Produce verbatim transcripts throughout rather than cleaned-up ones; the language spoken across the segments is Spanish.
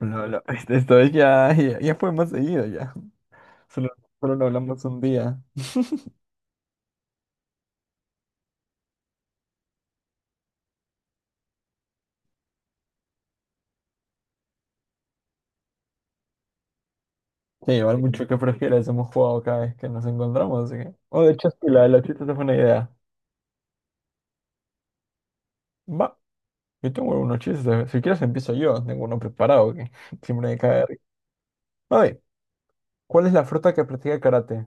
No, no, esto es ya, ya, ya fue más seguido ya. Solo, solo lo hablamos un día. Sí, igual mucho que prefieres, hemos jugado cada vez que nos encontramos. Así que... Oh, de hecho, sí, la de los chistes es buena idea. Va, yo tengo algunos chistes. Si quieres empiezo yo, tengo uno preparado que siempre me cae de risa. A ver, ¿cuál es la fruta que practica karate?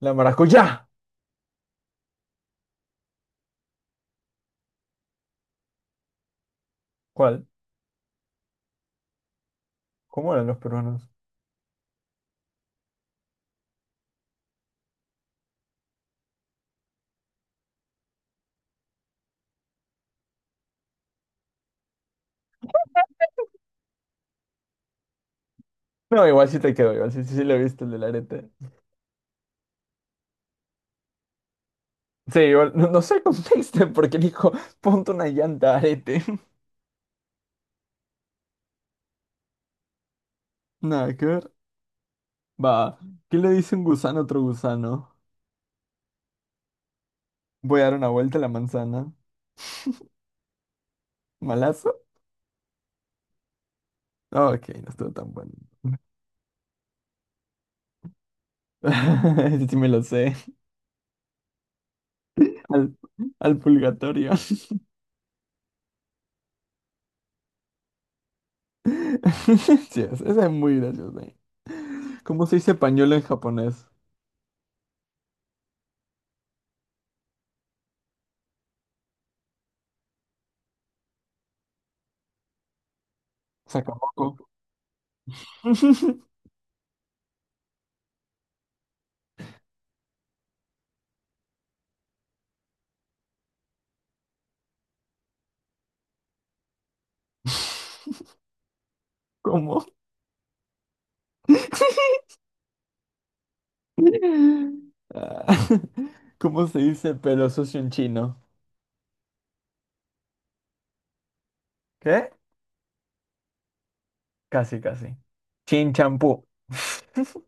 La maracuyá. ¿Cuál? ¿Cómo eran los peruanos? No, igual sí te quedo, igual sí, sí, sí lo viste el del arete. Sí, igual, no, no sé el contexto porque dijo, ponte una llanta arete. Nada que ver. Va, ¿qué le dice un gusano a otro gusano? Voy a dar una vuelta a la manzana. ¿Malazo? Ah, ok, no estuvo tan bueno. Ese sí me lo sé. Al, al purgatorio. Sí, es- esa es muy graciosa. ¿Cómo se dice pañuelo en japonés? Sakamoko. ¿Cómo? Ah, ¿Cómo se dice pelo sucio en chino? ¿Qué? Casi, casi. Chin champú.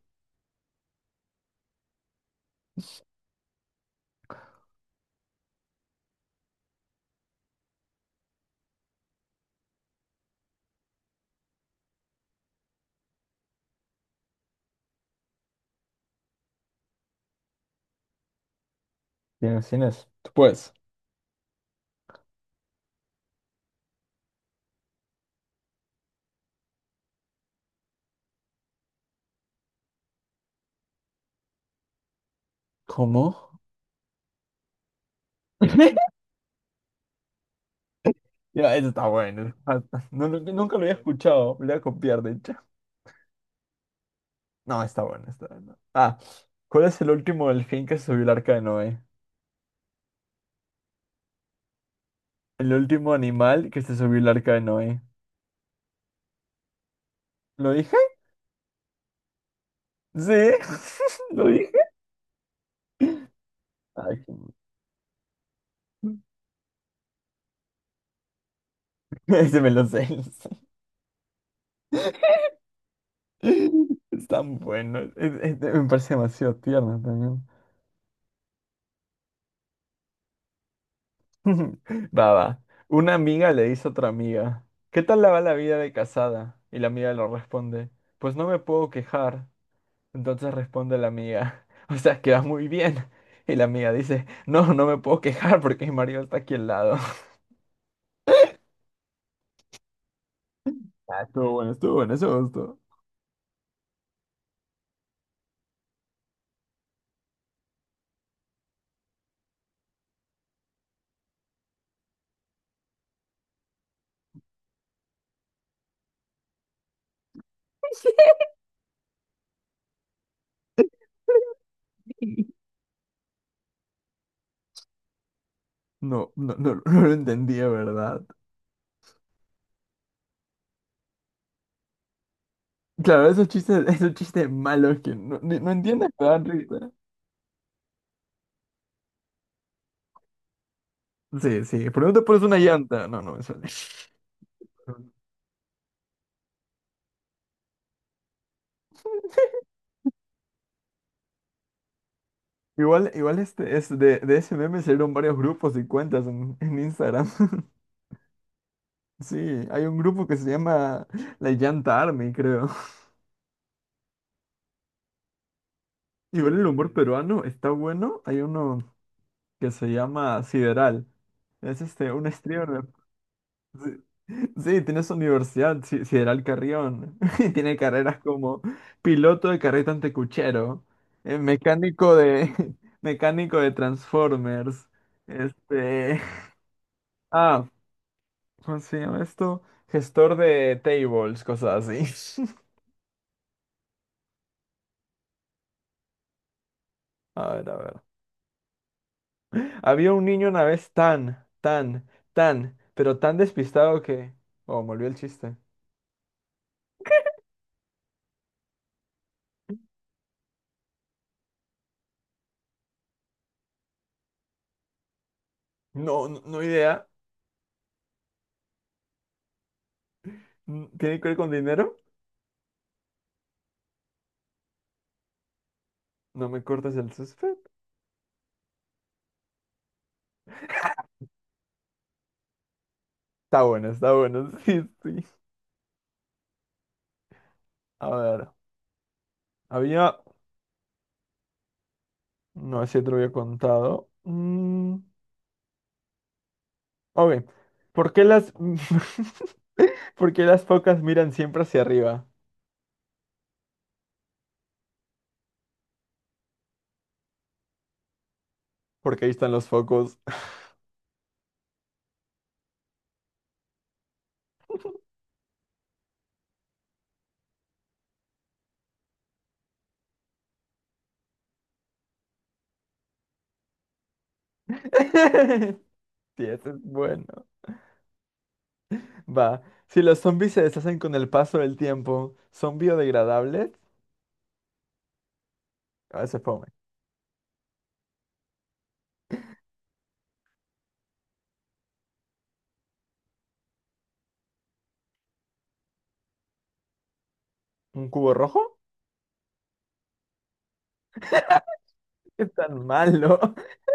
Tienes, tienes. Tú puedes. ¿Cómo? Ya, eso está bueno. Ah, no, no- nunca lo había escuchado. Lo voy a copiar, de hecho. No, está bueno, está bueno. Ah, ¿cuál es el último delfín que se subió al arca de Noé? El último animal que se subió al arca de Noé. ¿Lo dije? Sí, lo dije. Ay, ese me lo sé. Lo sé. Es tan bueno. Es- es- me parece demasiado tierno. Va, va. Una amiga le dice a otra amiga, ¿qué tal la va la vida de casada? Y la amiga le responde, pues no me puedo quejar. Entonces responde la amiga, o sea, que va muy bien. Y la amiga dice, no, no me puedo quejar porque mi marido está aquí al lado. Ah, estuvo bueno, estuvo bueno, eso me gustó. No, no, no, no lo entendía, ¿verdad? Claro, esos chistes, esos chistes malos que no, ni- no entiendes, ¿verdad? Sí, sí, pero no te pones una llanta. No, no me sale. Igual, igual este, es de, de ese meme salieron varios grupos y cuentas en, en Instagram. Sí, hay un grupo que se llama La Llanta Army, creo. Igual el humor peruano está bueno. Hay uno que se llama Sideral. Es este, un streamer. Sí, sí, tiene su universidad, Si- Sideral Carrión. Y tiene carreras como piloto de carreta antecuchero, eh, mecánico de, mecánico de Transformers. Este. Ah, ¿cómo se llama esto? Gestor de tables, cosas así. A ver, a ver. Había un niño una vez tan, tan, tan, pero tan despistado que... Oh, me olvidé el chiste. No, no, no idea. Mm, ¿tiene que ver con dinero? No me cortes el suspense. Está bueno, está bueno. Sí, sí. A ver. Había... No sé si te lo había contado. Mm, ok. ¿Por qué las... ¿Por qué las focas miran siempre hacia arriba? Porque ahí están los focos. Sí, eso es bueno. Va. Si los zombies se deshacen con el paso del tiempo, ¿son biodegradables? A veces fome. ¿Un cubo rojo? ¿Qué tan malo?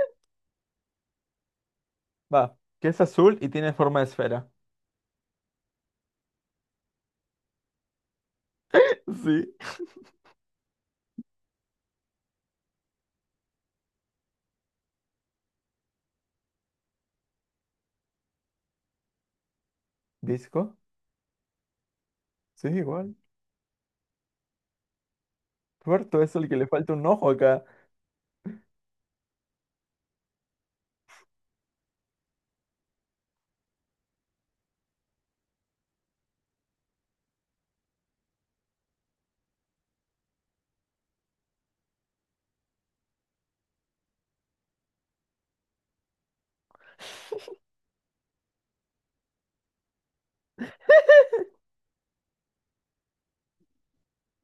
Va. Que es azul y tiene forma de esfera. Sí. ¿Disco? Sí, igual. Puerto es el que le falta un ojo acá.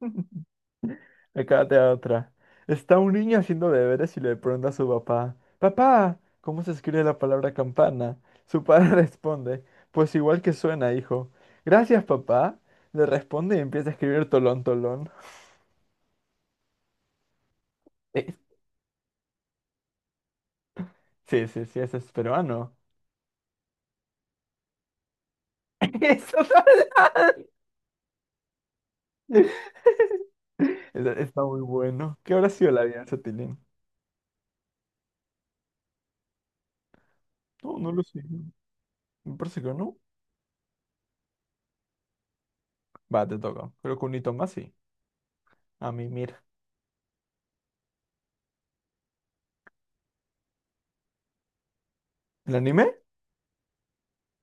Acá te da otra. Está un niño haciendo deberes y le pregunta a su papá, papá, ¿cómo se escribe la palabra campana? Su padre responde, pues igual que suena, hijo. Gracias, papá. Le responde y empieza a escribir tolón, tolón. Eh, sí, sí, sí, ese es peruano. Eso no... Está está muy bueno. ¿Qué habrá sido la alianza, Tilín? No, no lo sé. Me parece que no. Va, te toca. Creo que un hito más sí. A mí, mira. ¿El anime?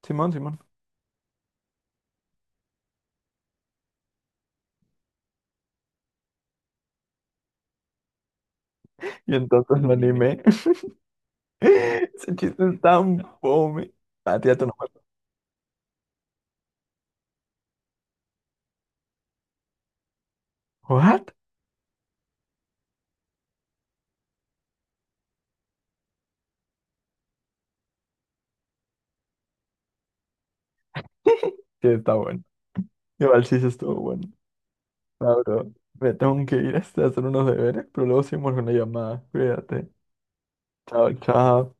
Simón, Simón. Y entonces lo animé. Ese chiste es tan fome. Ah, tírate una muerta. ¿What? Sí, está bueno. Igual sí, sí estuvo bueno. Ah, bro. Me tengo que ir a hacer unos deberes, pero luego seguimos con la llamada. Cuídate. Chao, chao.